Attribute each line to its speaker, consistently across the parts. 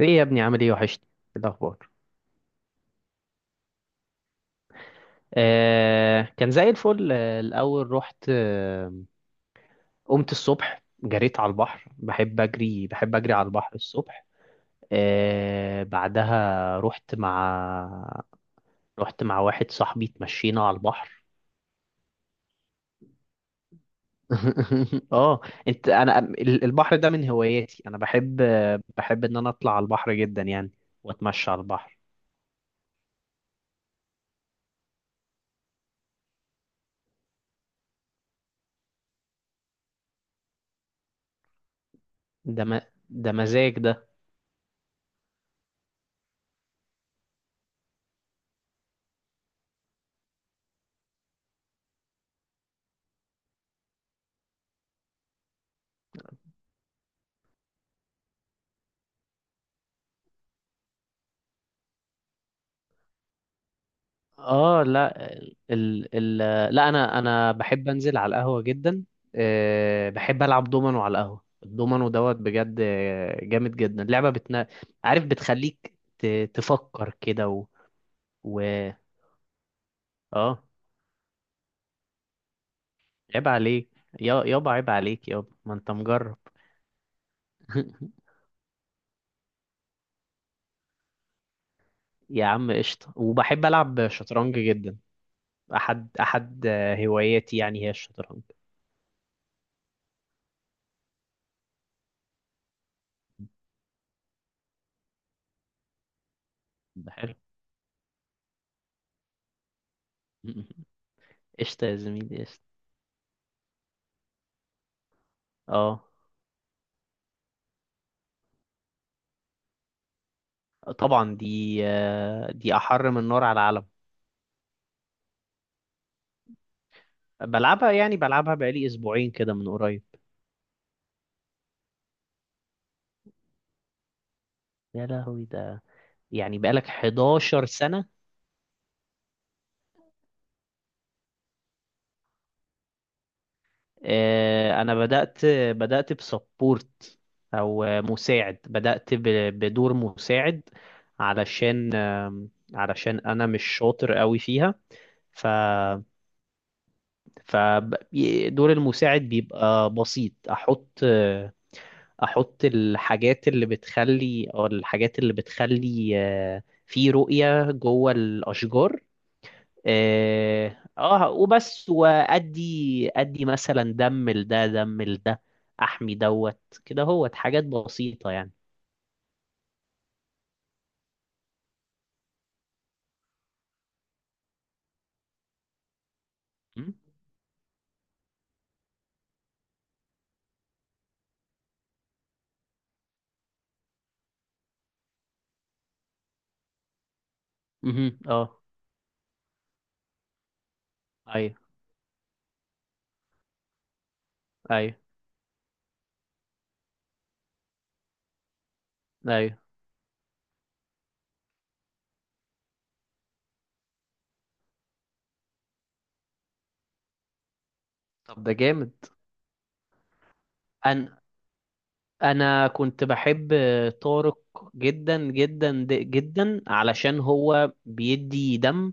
Speaker 1: ايه يا ابني عامل ايه وحشني. إيه الاخبار؟ آه كان زي الفل، الاول رحت. قمت الصبح جريت على البحر، بحب اجري على البحر الصبح. آه بعدها رحت مع واحد صاحبي، اتمشينا على البحر. اه. البحر ده من هواياتي، انا بحب ان انا اطلع على البحر جدا يعني، واتمشى على البحر. ده م... ده مزاج ده. اه لا. ال ال لا انا بحب انزل على القهوه جدا. أه بحب العب دومينو على القهوه، الدومينو دوت بجد جامد جدا لعبه بتنا. عارف بتخليك تفكر كده و اه. عيب عليك. يابا عيب عليك يابا، ما انت مجرب. يا عم قشطه، وبحب العب شطرنج جدا. احد احد آه، هواياتي يعني هي الشطرنج. ده حلو. قشطه يا زميلي قشطه. اه طبعا دي، دي احر من نار على العلم. بلعبها يعني بلعبها بقالي اسبوعين كده من قريب. يا لهوي ده، يعني بقالك 11 سنة. انا بدأت بسبورت، او مساعد، بدأت بدور مساعد. علشان علشان انا مش شاطر قوي فيها. ف فدور المساعد بيبقى بسيط. احط الحاجات اللي بتخلي، او الحاجات اللي بتخلي في رؤية جوه الاشجار. اه وبس، وادي مثلا دم لده دم لده، احمي دوت كده، هوت حاجات بسيطة يعني. م؟ مهم. اه ايوه ايوه ايوه. طب ده جامد. انا انا كنت بحب طارق جدا جدا جدا، علشان هو بيدي دم،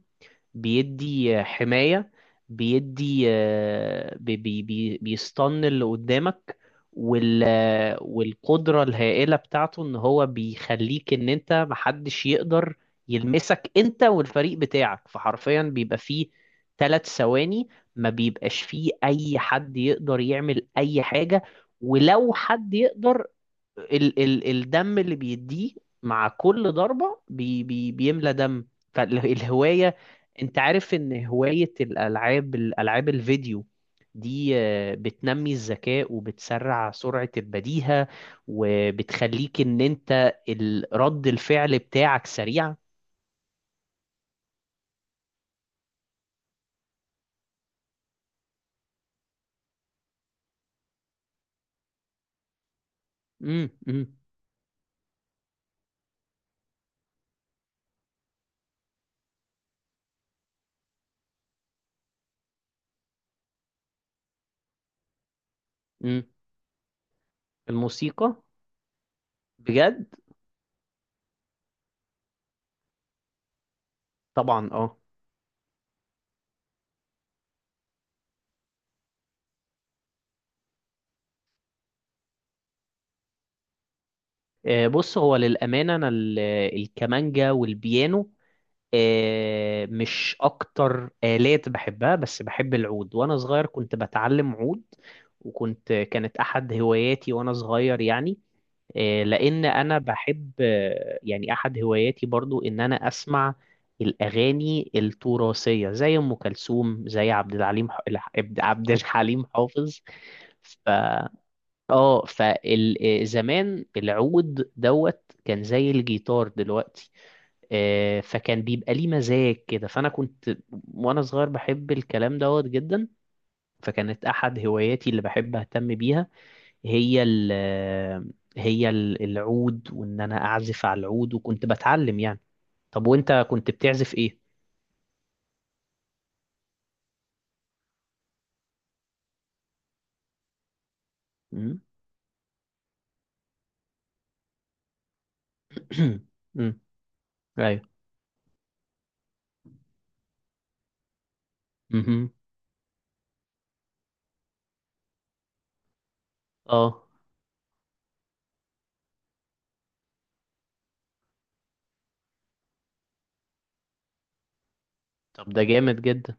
Speaker 1: بيدي حماية، بيدي آه، بي بي بي بيستن اللي قدامك، والقدرة الهائلة بتاعته ان هو بيخليك ان انت محدش يقدر يلمسك انت والفريق بتاعك، فحرفيا بيبقى فيه ثلاث ثواني ما بيبقاش فيه اي حد يقدر يعمل اي حاجة. ولو حد يقدر، ال ال الدم اللي بيديه مع كل ضربة بي بي بيملى دم. فالهواية، انت عارف ان هواية الالعاب الفيديو دي بتنمي الذكاء وبتسرع سرعة البديهة، وبتخليك ان انت رد الفعل بتاعك سريع. امم امم امم. الموسيقى بجد. طبعا اه. بص هو للأمانة أنا الكمانجا والبيانو مش اكتر آلات بحبها، بس بحب العود. وانا صغير كنت بتعلم عود، وكنت كانت احد هواياتي وانا صغير يعني. لان انا بحب يعني احد هواياتي برضو ان انا اسمع الاغاني التراثيه، زي ام كلثوم، زي عبد الحليم عبد الحليم حافظ. ف اه فزمان العود دوت كان زي الجيتار دلوقتي. فكان بيبقى ليه مزاج كده. فانا كنت وانا صغير بحب الكلام دوت جدا. فكانت احد هواياتي اللي بحب اهتم بيها، هي ال هي العود، وان انا اعزف على العود وكنت بتعلم يعني. طب وانت كنت بتعزف ايه؟ مم. مم. ايوه مهم. اه طب ده جامد جدا.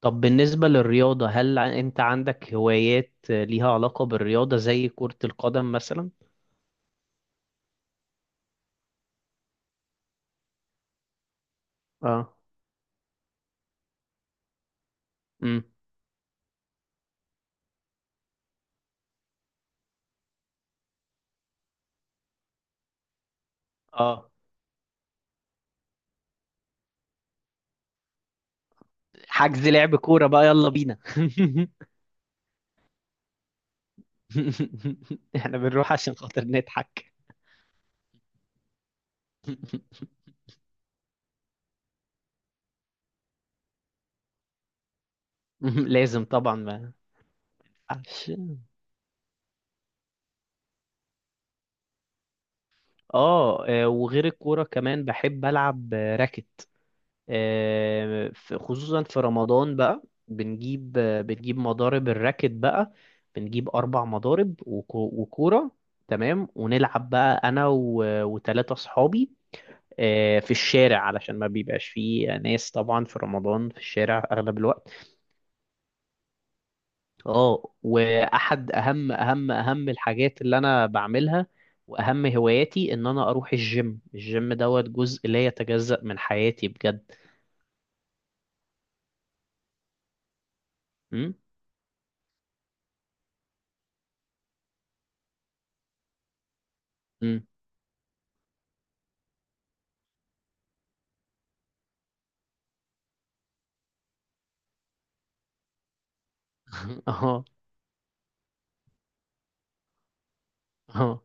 Speaker 1: طب بالنسبة للرياضة، هل انت عندك هوايات ليها علاقة بالرياضة زي كرة القدم مثلا؟ اه امم اه. حجز لعب كورة بقى، يلا بينا. احنا بنروح عشان خاطر نضحك. لازم طبعا، ما ينفعش. اه وغير الكورة كمان بحب ألعب راكت. خصوصا في رمضان بقى، بنجيب مضارب الراكت بقى. بنجيب أربع مضارب وكو- وكورة، تمام، ونلعب بقى أنا وتلاتة صحابي في الشارع، علشان ما بيبقاش فيه ناس طبعا في رمضان في الشارع أغلب الوقت. اه واحد اهم اهم الحاجات اللي انا بعملها واهم هواياتي ان انا اروح الجيم، الجيم دوت جزء لا يتجزأ من حياتي بجد. امم امم اه اه.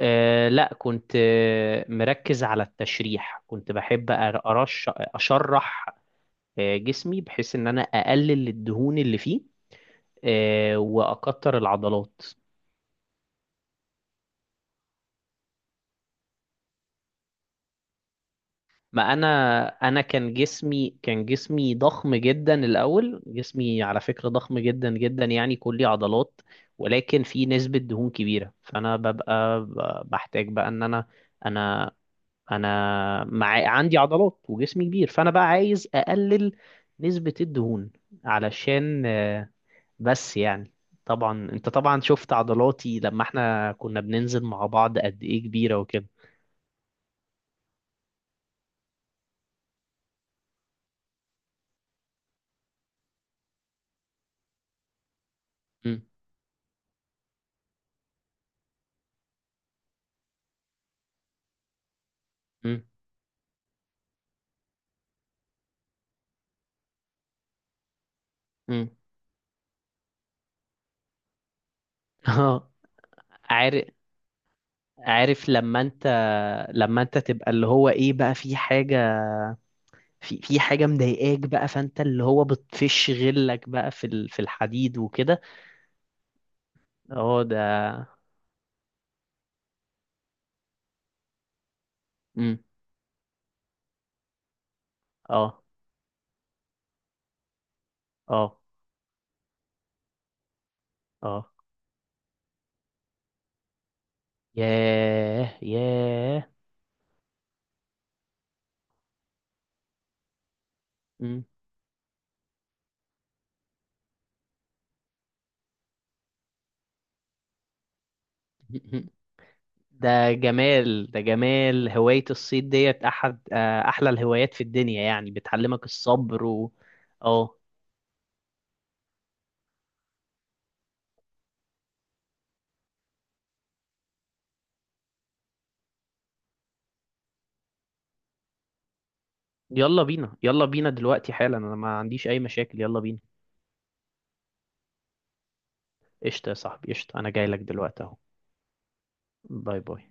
Speaker 1: لا كنت مركز على التشريح، كنت بحب أر- أرش أشرح جسمي، بحيث إن أنا أقلل الدهون اللي فيه وأكتر العضلات. ما انا كان جسمي ضخم جدا الاول، جسمي على فكره ضخم جدا جدا يعني، كلي عضلات، ولكن في نسبه دهون كبيره. فانا ببقى بحتاج بقى ان انا، انا انا مع عندي عضلات وجسمي كبير، فانا بقى عايز اقلل نسبه الدهون علشان بس يعني. طبعا انت طبعا شفت عضلاتي لما احنا كنا بننزل مع بعض قد ايه كبيره وكده. مم. مم. مم. اه عارف، عارف لما انت، لما انت تبقى اللي هو ايه بقى، في حاجة، في حاجة مضايقاك بقى، فانت اللي هو بتفش غلك بقى في في الحديد وكده. اه ده امم اه اه اه ياه ياه. مم. ده جمال، ده جمال. هواية الصيد ديت احد احلى الهوايات في الدنيا يعني، بتعلمك الصبر و اه. يلا بينا، يلا بينا دلوقتي حالا، انا ما عنديش اي مشاكل، يلا بينا. قشطة يا صاحبي قشطة، أنا جاي لك دلوقتي أهو. باي باي.